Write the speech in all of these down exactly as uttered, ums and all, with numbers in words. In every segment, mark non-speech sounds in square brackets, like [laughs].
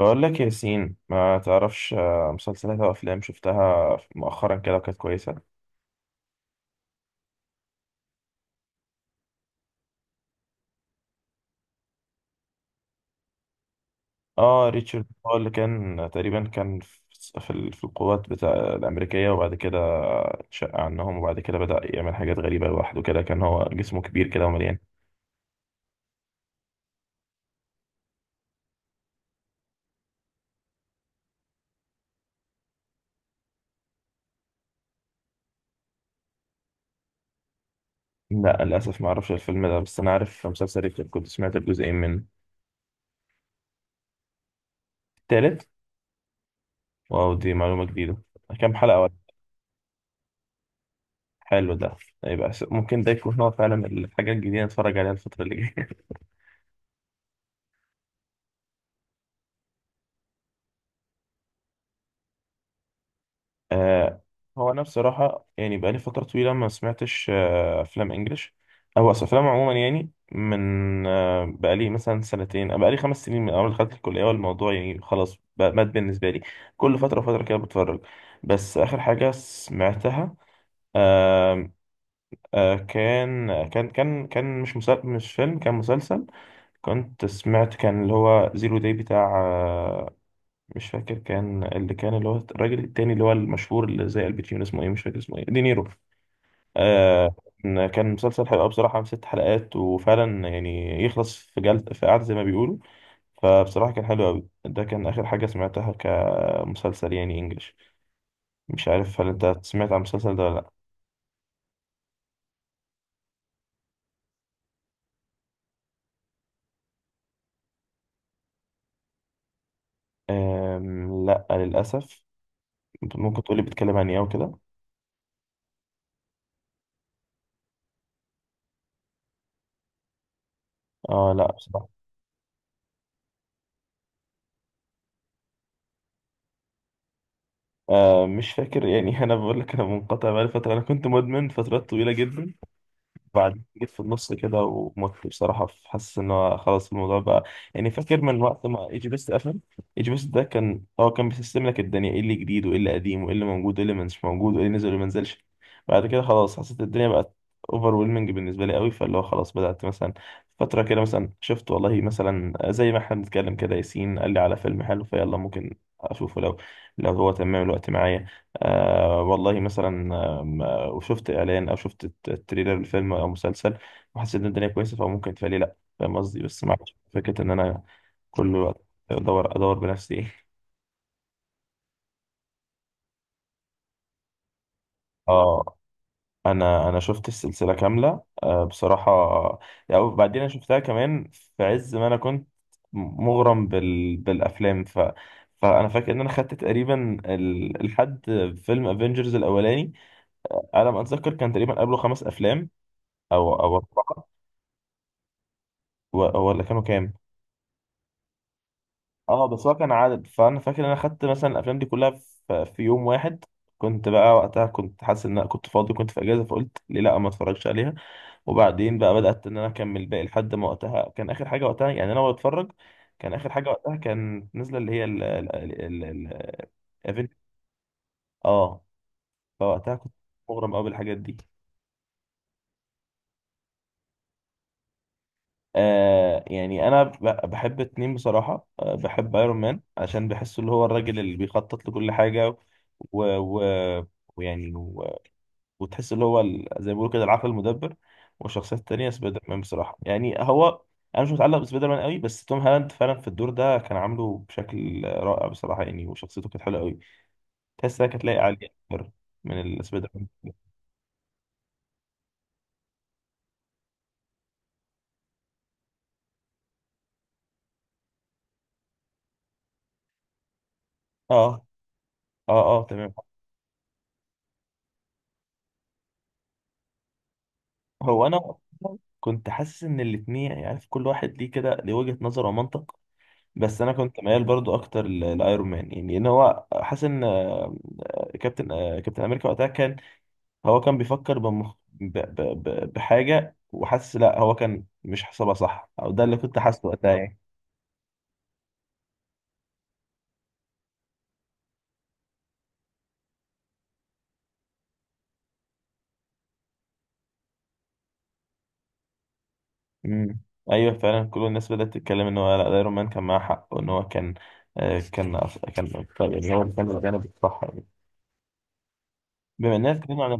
بقول لك يا ياسين، ما تعرفش آه، مسلسلات او افلام شفتها مؤخرا كده وكانت كويسه؟ اه، ريتشارد هو اللي كان تقريبا كان في في ال- في القوات بتاع الامريكيه، وبعد كده اتشق عنهم، وبعد كده بدا يعمل حاجات غريبه لوحده كده. كان هو جسمه كبير كده ومليان. لا، للاسف ما اعرفش الفيلم ده، بس انا عارف مسلسل ريتشارد، كنت سمعت الجزئين منه. التالت. واو، دي معلومه جديده. كام حلقه ولا؟ حلو ده. يبقى س- ممكن ده يكون هو فعلا الحاجه الجديده نتفرج عليها الفتره اللي جايه. آه هو انا بصراحه يعني بقالي فتره طويله ما سمعتش آه افلام انجلش، او أصل افلام عموما، يعني من آه بقالي مثلا سنتين، بقالي خمس سنين من اول ما دخلت الكليه، والموضوع يعني خلاص بقى مات بالنسبه لي. كل فتره وفتره كده بتفرج. بس اخر حاجه سمعتها، آه آه كان آه، كان كان كان مش مسل... مش فيلم، كان مسلسل. كنت سمعت، كان اللي هو زيرو داي بتاع آه، مش فاكر، كان اللي كان اللي هو الراجل التاني اللي هو المشهور اللي زي الباتشينو، اسمه ايه مش فاكر اسمه ايه، دينيرو. آه كان كان مسلسل حلقة بصراحة من ست حلقات، وفعلا يعني يخلص في جلد في قعدة زي ما بيقولوا. فبصراحة كان حلو أوي، ده كان آخر حاجة سمعتها كمسلسل يعني إنجليش. مش عارف هل أنت سمعت عن المسلسل ده ولا لأ؟ آم، لأ للأسف. ممكن تقولي بيتكلم عن إيه أو كده؟ آه، لأ بصراحة. آه مش فاكر يعني [laughs] أنا بقول لك، أنا منقطع بقالي فترة، أنا كنت مدمن فترات طويلة جدا. بعد جيت في النص كده، ومت بصراحة في- حاسس إن هو خلاص الموضوع بقى. يعني فاكر من وقت ما إيجي بيست قفل. إيجي بيست ده كان هو كان بيسيستم لك الدنيا إيه اللي جديد وإيه اللي قديم وإيه اللي موجود وإيه اللي مش موجود وإيه اللي نزل وإيه اللي منزلش. بعد كده خلاص حسيت الدنيا بقت اوفر ويلمنج بالنسبة لي قوي، فاللي هو خلاص بدأت مثلا فترة كده مثلا شفت، والله مثلا زي ما احنا بنتكلم كده، ياسين قال لي على فيلم حلو، فيلا ممكن أشوفه، لو لو هو تمام الوقت معايا. آه، والله مثلا، وشفت اعلان او شفت الت- التريلر لفيلم او مسلسل، وحسيت ان الدنيا كويسه فممكن تفعلي، لا فاهم قصدي؟ بس ما عنديش فكره ان انا كل وقت ادور ادور بنفسي [laughs] اه، انا انا شفت السلسله كامله آه بصراحه. يعني بعدين انا شفتها كمان في عز ما انا كنت مغرم بال... بالافلام ف فانا فاكر ان انا خدت تقريبا ال... لحد فيلم افنجرز الاولاني، على ما اتذكر كان تقريبا قبله خمس افلام، او او اربعه. و- ولا كانوا كام؟ اه، بس هو كان عدد، فانا فاكر ان انا خدت مثلا الافلام دي كلها في, في يوم واحد. كنت بقى وقتها كنت حاسس ان انا كنت فاضي، كنت في اجازه، فقلت ليه لا ما اتفرجش عليها. وبعدين بقى بدات ان انا اكمل باقي لحد ما وقتها كان اخر حاجه، وقتها يعني انا بتفرج، كان اخر حاجه وقتها كان نازله اللي هي ال ال ال ال ال- اه، فوقتها كنت مغرم قوي بالحاجات دي. آه، يعني انا ب- بحب اتنين بصراحه، آه بحب ايرون مان عشان بحسه اللي هو الراجل اللي بيخطط لكل حاجه، و, و... ويعني وتحس اللي هو ال- زي ما بيقولوا كده العقل المدبر. والشخصيات التانية، سبايدر مان بصراحة يعني، هو أنا مش متعلق بسبايدر مان قوي، بس توم هالاند فعلا في الدور ده كان عامله بشكل رائع بصراحة يعني، وشخصيته كانت حلوة قوي، تحسها كانت لايقة عليه أكتر من السبايدر مان. آه، آه، آه، تمام. هو أنا كنت حاسس إن الاتنين، يعني عارف كل واحد ليه كده، ليه وجهة نظر ومنطق، بس أنا كنت ميال برضو أكتر ل- لأيرون مان، يعني إن هو حاسس إن آه، كابتن آه، كابتن أمريكا وقتها كان هو كان بيفكر بمخ... ب... ب... ب... بحاجة، وحاسس لا هو كان مش حاسبها صح، او ده اللي كنت حاسه وقتها يعني. امم. ايوه، فعلا كل الناس بدأت تتكلم ان هو لا، ده ايرون مان كان معاه حق، وان هو كان آه، كان أص- كان يعني هو اللي كان الجانب الصح يعني. بما اننا اتكلمنا عن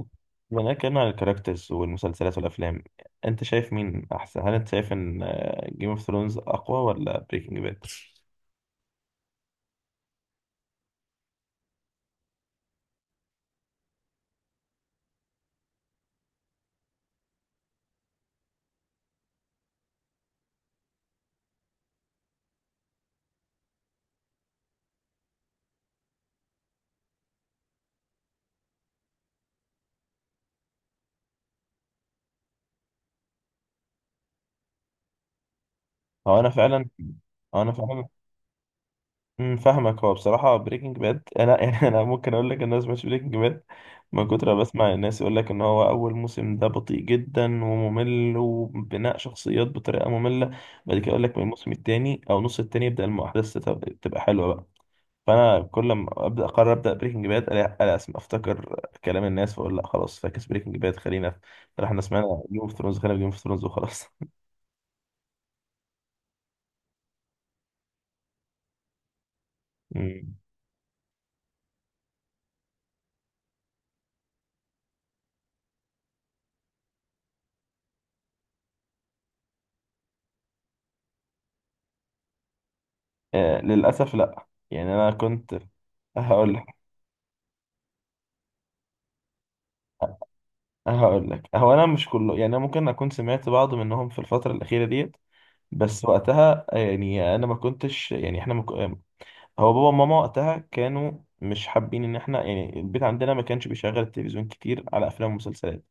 بما اننا اتكلمنا عن الكاركترز والمسلسلات والافلام، انت شايف مين احسن؟ هل انت شايف ان جيم اوف ثرونز اقوى ولا بريكنج باد؟ هو انا فعلا هو انا فعلا. امم، فاهمك، هو بصراحة بريكنج باد أنا [laughs] يعني أنا ممكن أقول لك إن أنا سمعتش بريكنج باد من كتر ما بسمع الناس يقول لك إن هو أول موسم ده بطيء جدا وممل وبناء شخصيات بطريقة مملة. بعد كده يقول لك من الموسم التاني أو نص التاني يبدأ الأحداث تت- تبقى حلوة بقى. فأنا كل ما أبدأ أقرر أبدأ بريكنج باد، ألاقي ألاقي أسمع أفتكر كلام الناس، فأقول لأ خلاص، فاكس بريكنج باد، خلينا في إحنا سمعنا جيم أوف ثرونز، خلينا في جيم أوف ثرونز وخلاص. [laughs] امم. آه، للأسف لأ، يعني أنا كنت [laughs] هقول هقول لك، هو انا مش كله، يعني انا ممكن اكون سمعت بعض منهم في الفتره الاخيره ديت، بس وقتها يعني انا ما كنتش، يعني احنا مك... هو بابا وماما وقتها كانوا مش حابين ان احنا، يعني البيت عندنا ما كانش بيشغل التلفزيون كتير على افلام ومسلسلات.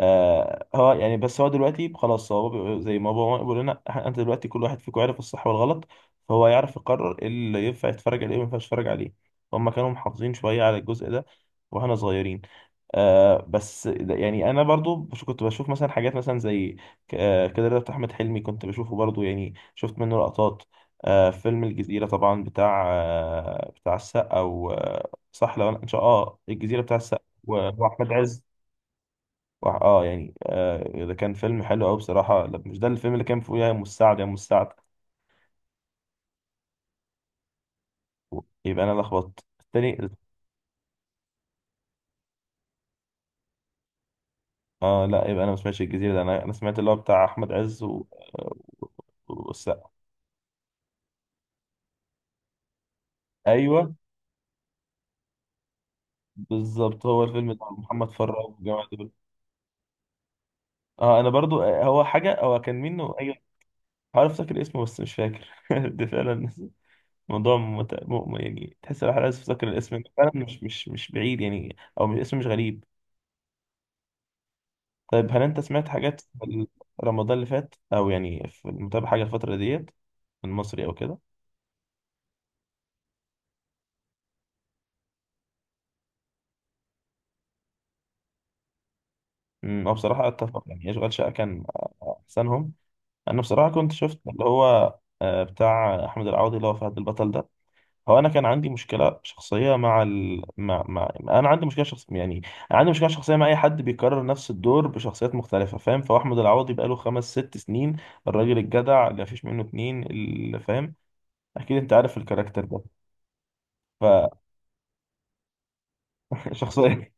آه هو يعني، بس هو دلوقتي خلاص، هو بي- زي ما بابا بيقول لنا إح- انت دلوقتي كل واحد فيكم عارف الصح والغلط، فهو يعرف يقرر إيه اللي ينفع يتفرج عليه وما ينفعش يتفرج عليه. هما كانوا محافظين شوية على الجزء ده واحنا صغيرين. آه بس ده- يعني انا برضو بش- كنت بشوف مثلا حاجات مثلا زي ك- آه، كده رضا بتاع احمد حلمي، كنت بشوفه برضو يعني، شفت منه لقطات. آه فيلم الجزيرة طبعا بتاع آه بتاع السقا و آه، صح، لو انا ان شاء الله آه، الجزيرة بتاع السقا و- واحمد عز وح- اه يعني، آه ده كان فيلم حلو قوي بصراحه. لا، مش ده الفيلم اللي كان فيه يا ام السعد يا ام السعد؟ يبقى انا لخبطت التاني. اه لا، يبقى انا ما سمعتش الجزيره ده، انا انا سمعت اللي هو بتاع احمد عز و... والسقا. ايوه، بالظبط، هو الفيلم بتاع محمد فراج والجماعه دول. اه، انا برضو، آه، هو حاجه، هو كان منه، ايوه. عارف افتكر اسمه بس مش فاكر [laughs] ده فعلا موضوع مت... م... يعني، تحس الواحد عايز يفتكر الاسم، فعلا مش مش مش بعيد يعني، او مش اسمه مش غريب. طيب هل انت سمعت حاجات في رمضان اللي فات، او يعني في متابع حاجه الفتره ديت، المصري او كده؟ امم، هو بصراحه اتفق، يعني اشغال شقه كان احسنهم. انا بصراحه كنت شفت اللي هو آه، بتاع احمد العوضي، اللي هو فهد البطل ده. هو انا كان عندي مشكله شخصيه مع ال... مع... مع انا عندي مشكله شخص يعني، انا عندي مشكله شخصيه مع اي حد بيكرر نفس الدور بشخصيات مختلفه، فاهم؟ فهو احمد العوضي بقاله خمس ست سنين الراجل الجدع اللي مفيش منه اتنين، اللي فاهم اكيد انت عارف الكاركتر ده. شخصيه.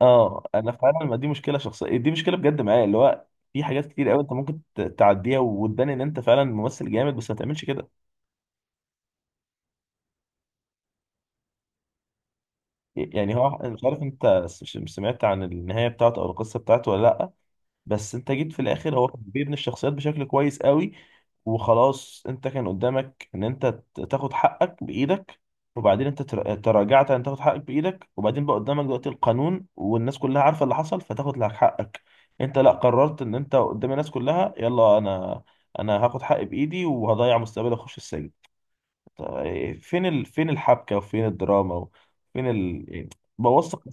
اه، انا فعلا، ما دي مشكله شخصيه، دي مشكله بجد معايا، اللي هو في حاجات كتير قوي انت ممكن ت- تعديها وتبان ان انت فعلا ممثل جامد، بس ما تعملش كده. يعني هو، مش عارف انت س- مش سمعت عن النهايه بتاعته او القصه بتاعته ولا لا؟ بس انت جيت في الاخر، هو كان بيبني الشخصيات بشكل كويس قوي، وخلاص انت كان قدامك ان انت ت- تاخد حقك بايدك، وبعدين انت تر- تراجعت ان تاخد حقك بايدك، وبعدين بقى قدامك دلوقتي القانون والناس كلها عارفه اللي حصل فتاخد لك حقك. انت لا، قررت ان انت قدام الناس كلها يلا انا انا هاخد حقي بايدي وهضيع مستقبلي واخش السجن. طب ايه- فين ال... فين الحبكه وفين الدراما وفين ال... يعني بوثق.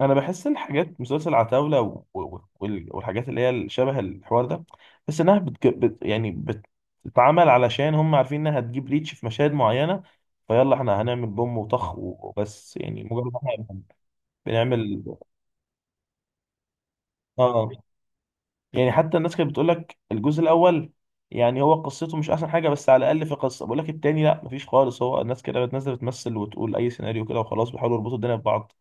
انا بحس الحاجات، مسلسل عتاولة و- و- وال- والحاجات اللي هي ال- شبه الحوار ده، بس انها بتج... بت... يعني بتتعمل علشان هم عارفين انها هتجيب ريتش في مشاهد معينة، فيلا احنا هنعمل بوم وطخ وبس، يعني مجرد ما احنا بنعمل. اه، يعني حتى الناس كانت بتقول لك الجزء الاول يعني هو قصته مش احسن حاجة، بس على الاقل في قصة. بقول لك التاني لا مفيش خالص، هو الناس كده بتنزل بتمثل وتقول اي سيناريو كده وخلاص بيحاولوا يربطوا الدنيا ببعض.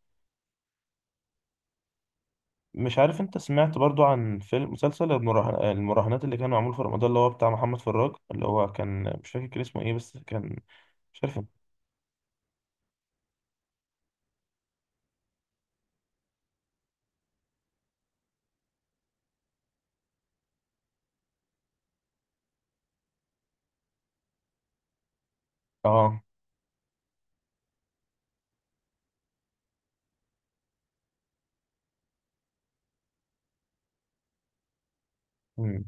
مش عارف انت سمعت برضو عن فيلم مسلسل المراهن- المراهنات اللي كان معمول في رمضان اللي هو بتاع محمد فراج، اللي هو كان، مش فاكر كان اسمه ايه، بس كان، مش عارف. اه. مم.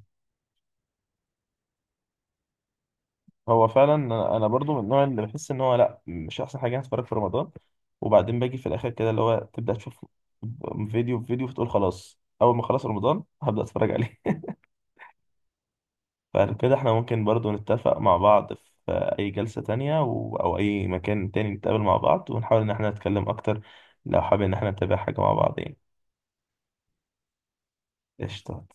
هو فعلا انا، أنا برضو من النوع اللي بحس ان هو لا مش احسن حاجه يعني اتفرج في رمضان، وبعدين باجي في الاخر كده اللي هو تبدا تشوف فيديو في فيديو، فتقول خلاص، اول ما خلاص رمضان هبدا اتفرج عليه. فلو كده احنا ممكن برضو نتفق مع بعض في أي جلسة تانية و... أو أي مكان تاني نتقابل مع بعض ونحاول إن احنا نتكلم أكتر، لو حابين إن احنا نتابع حاجة مع بعض يعني. قشطة.